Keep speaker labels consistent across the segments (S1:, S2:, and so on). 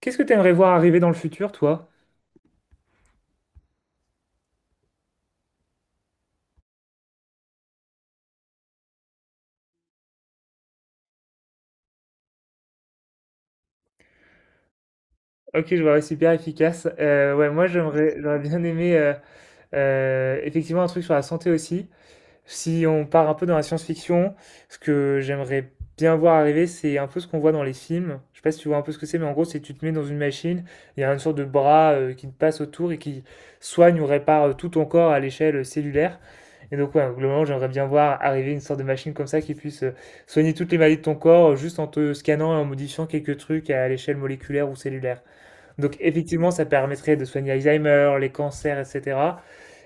S1: Qu'est-ce que tu aimerais voir arriver dans le futur, toi? Ok, je vois, ouais, super efficace. Ouais, moi, j'aurais bien aimé effectivement un truc sur la santé aussi. Si on part un peu dans la science-fiction, ce que j'aimerais bien voir arriver, c'est un peu ce qu'on voit dans les films. Je sais pas si tu vois un peu ce que c'est, mais en gros, c'est tu te mets dans une machine, il y a une sorte de bras qui te passe autour et qui soigne ou répare tout ton corps à l'échelle cellulaire. Et donc, ouais, globalement, j'aimerais bien voir arriver une sorte de machine comme ça qui puisse soigner toutes les maladies de ton corps juste en te scannant et en modifiant quelques trucs à l'échelle moléculaire ou cellulaire. Donc, effectivement, ça permettrait de soigner Alzheimer, les cancers, etc.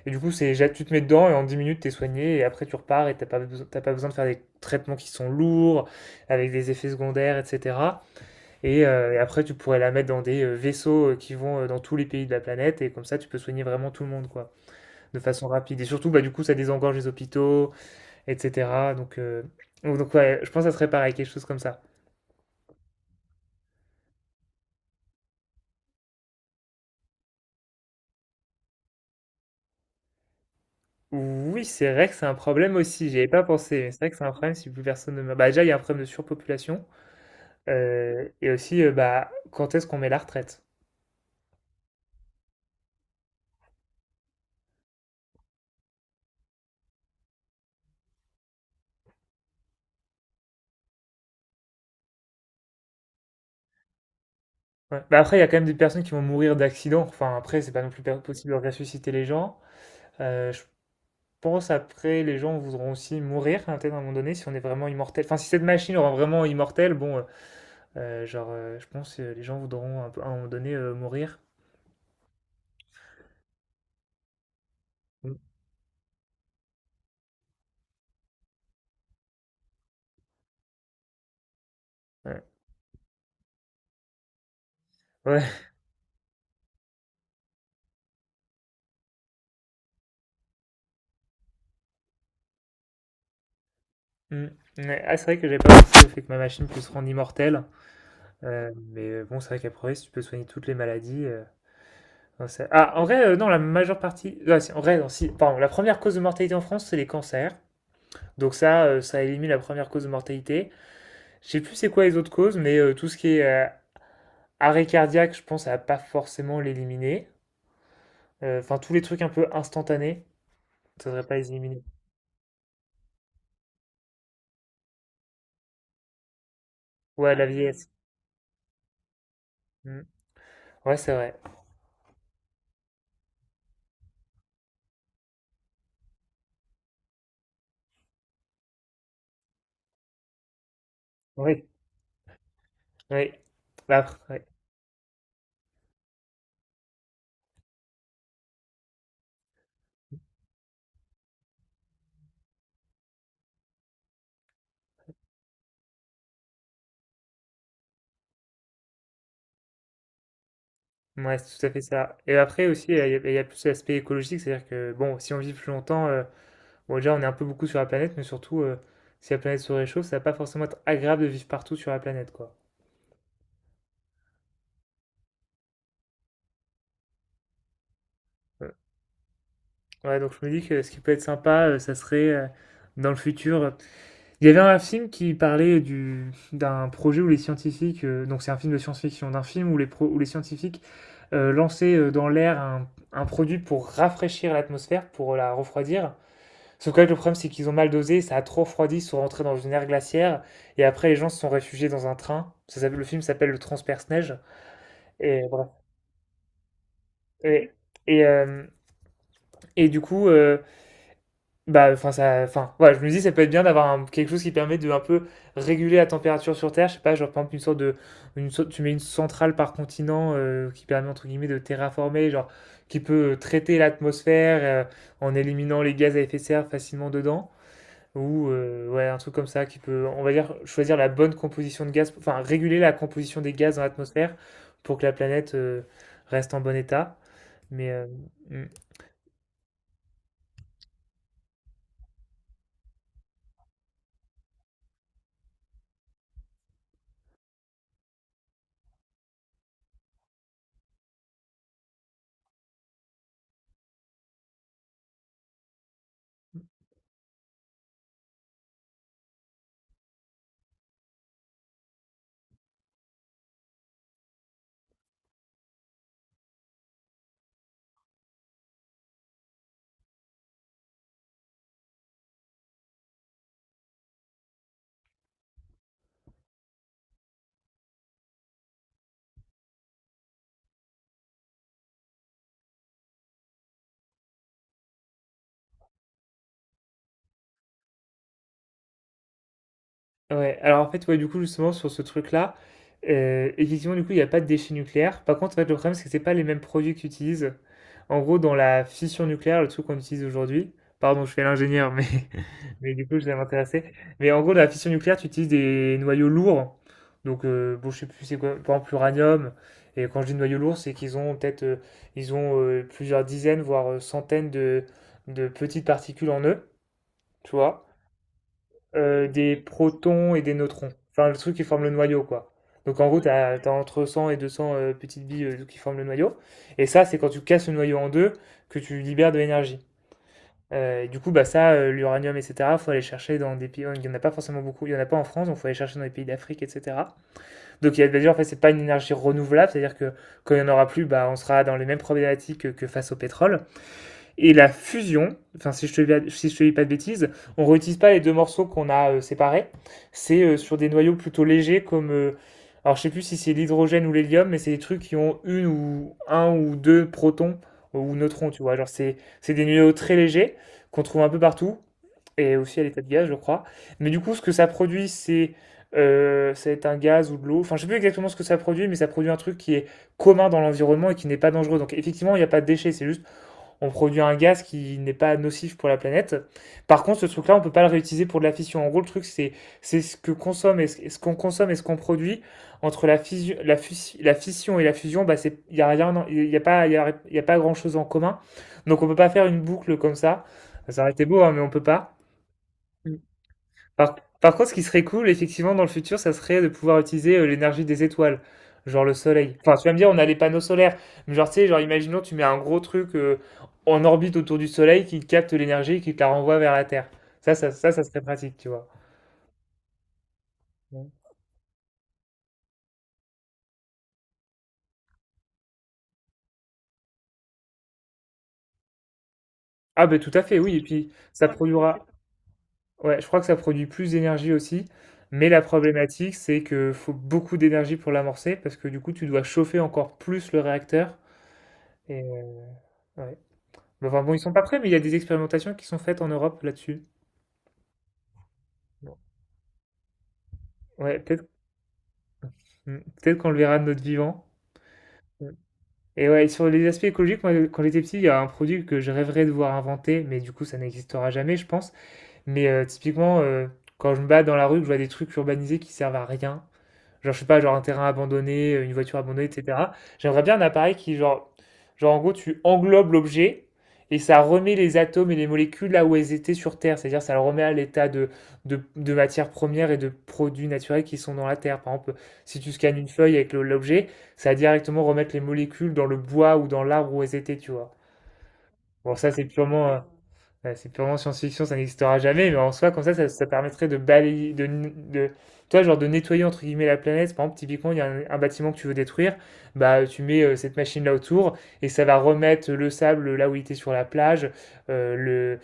S1: Et du coup, tu te mets dedans et en 10 minutes, t'es soigné et après, tu repars et t'as pas besoin de faire des traitements qui sont lourds, avec des effets secondaires, etc. Et après, tu pourrais la mettre dans des vaisseaux qui vont dans tous les pays de la planète et comme ça, tu peux soigner vraiment tout le monde, quoi, de façon rapide. Et surtout, bah, du coup, ça désengorge les hôpitaux, etc. Donc ouais, je pense que ça serait pareil, quelque chose comme ça. Oui, c'est vrai que c'est un problème aussi, j'y avais pas pensé, mais c'est vrai que c'est un problème si plus personne ne meurt. Bah déjà, il y a un problème de surpopulation, et aussi, bah, quand est-ce qu'on met la retraite? Ouais. Bah, après, il y a quand même des personnes qui vont mourir d'accident. Enfin, après, c'est pas non plus possible de ressusciter les gens. Je pense après, les gens voudront aussi mourir, hein, peut-être à un moment donné, si on est vraiment immortel. Enfin, si cette machine rend vraiment immortel, bon, genre, je pense que les gens voudront à un moment donné mourir. Mm. Ouais. Ouais. Mm. Ouais. Ah, c'est vrai que j'avais pas pensé au fait que ma machine puisse rendre immortel. Mais bon, c'est vrai qu'après, si tu peux soigner toutes les maladies, non, ah, en vrai, non, la majeure partie. Ah, si, en vrai, non, si. Pardon, la première cause de mortalité en France, c'est les cancers. Donc ça élimine la première cause de mortalité. Je sais plus c'est quoi les autres causes, mais tout ce qui est arrêt cardiaque, je pense, ça va pas forcément l'éliminer. Enfin, tous les trucs un peu instantanés, ça devrait pas les éliminer. Ouais, la vieillesse. Mm. Ouais, c'est vrai. Oui. Oui. Bah, après, ouais. Ouais, c'est tout à fait ça. Et après aussi, il y a plus l'aspect écologique, c'est-à-dire que, bon, si on vit plus longtemps, bon, déjà, on est un peu beaucoup sur la planète, mais surtout, si la planète se réchauffe, ça va pas forcément être agréable de vivre partout sur la planète, quoi. Ouais, donc je me dis que ce qui peut être sympa, ça serait dans le futur. Il y avait un film qui parlait du d'un projet où les scientifiques, donc c'est un film de science-fiction, d'un film où les scientifiques lançaient dans l'air un produit pour rafraîchir l'atmosphère, pour la refroidir. Sauf que là, le problème, c'est qu'ils ont mal dosé, ça a trop refroidi, ils sont rentrés dans une ère glaciaire, et après les gens se sont réfugiés dans un train. Le film s'appelle Le Transperce-Neige. Et bref. Et, et, euh, et du coup, bah, enfin, ça, enfin, voilà, je me dis, ça peut être bien d'avoir quelque chose qui permet de un peu réguler la température sur Terre. Je sais pas, genre, par exemple, une sorte de, une sorte- tu mets une centrale par continent qui permet, entre guillemets, de terraformer, genre, qui peut traiter l'atmosphère en éliminant les gaz à effet de serre facilement dedans. Ou, ouais, un truc comme ça qui peut, on va dire, choisir la bonne composition de gaz, enfin, réguler la composition des gaz dans l'atmosphère pour que la planète reste en bon état. Mais, mm. Ouais, alors en fait, ouais, du coup, justement, sur ce truc-là, effectivement, du coup, il n'y a pas de déchets nucléaires. Par contre, en fait, le problème, c'est que c'est pas les mêmes produits qu'ils utilisent. En gros, dans la fission nucléaire, le truc qu'on utilise aujourd'hui, pardon, je fais l'ingénieur, mais, mais du coup, je vais m'intéresser. Mais en gros, dans la fission nucléaire, tu utilises des noyaux lourds. Donc, bon, je sais plus c'est quoi, par exemple, l'uranium. Et quand je dis noyaux lourds, c'est qu'ils ont peut-être ils ont plusieurs dizaines, voire centaines de, petites particules en eux, tu vois des protons et des neutrons. Enfin, le truc qui forme le noyau, quoi. Donc en gros, tu as, entre 100 et 200 petites billes qui forment le noyau. Et ça, c'est quand tu casses le noyau en deux que tu libères de l'énergie. Et du coup, bah, ça, l'uranium, etc., il faut aller chercher dans des pays. Il n'y en a pas forcément beaucoup, il n'y en a pas en France, donc il faut aller chercher dans les pays d'Afrique, etc. Donc il y a bah, déjà, en fait, c'est pas une énergie renouvelable, c'est-à-dire que quand il n'y en aura plus, bah, on sera dans les mêmes problématiques que face au pétrole et la fusion, enfin si te dis pas de bêtises, on ne réutilise pas les deux morceaux qu'on a séparés. C'est sur des noyaux plutôt légers comme alors je ne sais plus si c'est l'hydrogène ou l'hélium, mais c'est des trucs qui ont une ou un ou deux protons ou neutrons, tu vois. Genre c'est des noyaux très légers qu'on trouve un peu partout et aussi à l'état de gaz, je crois. Mais du coup, ce que ça produit, c'est ça va être un gaz ou de l'eau. Enfin, je sais plus exactement ce que ça produit, mais ça produit un truc qui est commun dans l'environnement et qui n'est pas dangereux. Donc, effectivement, il n'y a pas de déchets. C'est juste on produit un gaz qui n'est pas nocif pour la planète. Par contre, ce truc-là, on ne peut pas le réutiliser pour de la fission. En gros, le truc, c'est ce que consomme et ce, qu'on consomme et ce qu'on produit entre la fission, la fission et la fusion. Bah, c'est il y a rien, il y a pas, y a pas grand-chose en commun. Donc, on ne peut pas faire une boucle comme ça. Ça aurait été beau, hein, mais on ne peut pas. Par contre, ce qui serait cool, effectivement, dans le futur, ça serait de pouvoir utiliser l'énergie des étoiles, genre le soleil. Enfin, tu vas me dire, on a les panneaux solaires, mais genre, tu sais, genre, imaginons, tu mets un gros truc en orbite autour du soleil qui capte l'énergie et qui te la renvoie vers la Terre. Ça serait pratique, tu vois. Ouais. Ah, ben tout à fait, oui, et puis ça produira, ouais, je crois que ça produit plus d'énergie aussi, mais la problématique, c'est que faut beaucoup d'énergie pour l'amorcer, parce que du coup, tu dois chauffer encore plus le réacteur, et ouais. Mais enfin bon, ils sont pas prêts, mais il y a des expérimentations qui sont faites en Europe là-dessus. Bon. Ouais, peut-être qu'on le verra de notre vivant. Mm. Et ouais, sur les aspects écologiques, moi, quand j'étais petit, il y a un produit que je rêverais de voir inventer, mais du coup, ça n'existera jamais, je pense. Mais typiquement, quand je me bats dans la rue, que je vois des trucs urbanisés qui servent à rien, genre, je sais pas, genre un terrain abandonné, une voiture abandonnée, etc. J'aimerais bien un appareil qui, genre en gros, tu englobes l'objet et ça remet les atomes et les molécules là où elles étaient sur Terre. C'est-à-dire, ça le remet à l'état de, de matières premières et de produits naturels qui sont dans la Terre. Par exemple, si tu scannes une feuille avec l'objet, ça va directement remettre les molécules dans le bois ou dans l'arbre où elles étaient, tu vois. Bon, ça, ouais, c'est purement science-fiction, ça n'existera jamais, mais en soi, comme ça, ça permettrait de balayer, toi, genre de nettoyer entre guillemets la planète. Par exemple, typiquement, il y a un bâtiment que tu veux détruire, bah tu mets cette machine-là autour et ça va remettre le sable là où il était sur la plage, euh, le,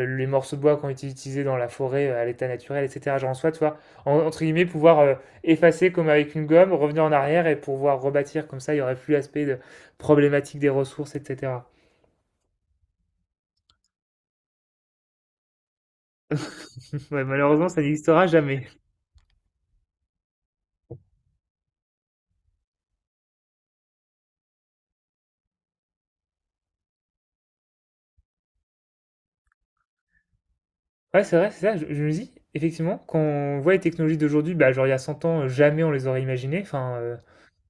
S1: les morceaux de bois qui ont été utilisés dans la forêt à l'état naturel, etc. Genre en soi, toi, entre guillemets, pouvoir effacer comme avec une gomme, revenir en arrière et pouvoir rebâtir comme ça, il y aurait plus l'aspect de problématique des ressources, etc. Ouais, malheureusement, ça n'existera jamais. Ouais, c'est vrai, c'est ça. Je me dis, effectivement, quand on voit les technologies d'aujourd'hui, bah, genre il y a 100 ans, jamais on les aurait imaginées. Enfin,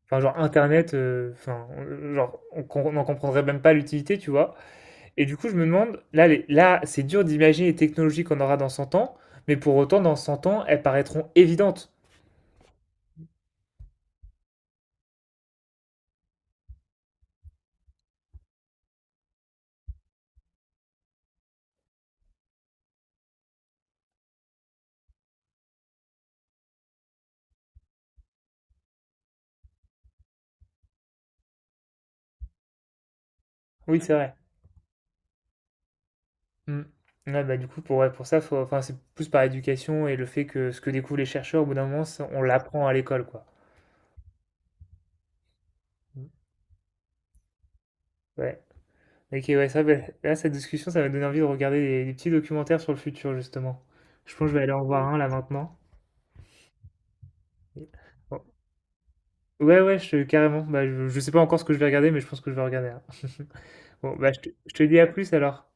S1: enfin genre Internet, enfin, genre, on n'en comprendrait même pas l'utilité, tu vois. Et du coup, je me demande, là, là, c'est dur d'imaginer les technologies qu'on aura dans 100 ans, mais pour autant, dans 100 ans, elles paraîtront évidentes. Oui, c'est vrai. Mm. Ouais, bah, du coup, pour, ouais, pour ça, faut, enfin, c'est plus par éducation et le fait que ce que découvrent les chercheurs, au bout d'un moment, ça, on l'apprend à l'école, quoi. Mm. Ouais. Ok, ouais, ça, ben, là, cette discussion, ça va donner envie de regarder des petits documentaires sur le futur, justement. Je pense que je vais aller en voir un là maintenant. Bon. Ouais, ouais, carrément. Bah, je sais pas encore ce que je vais regarder, mais je pense que je vais regarder un. Bon, bah, je te dis à plus alors.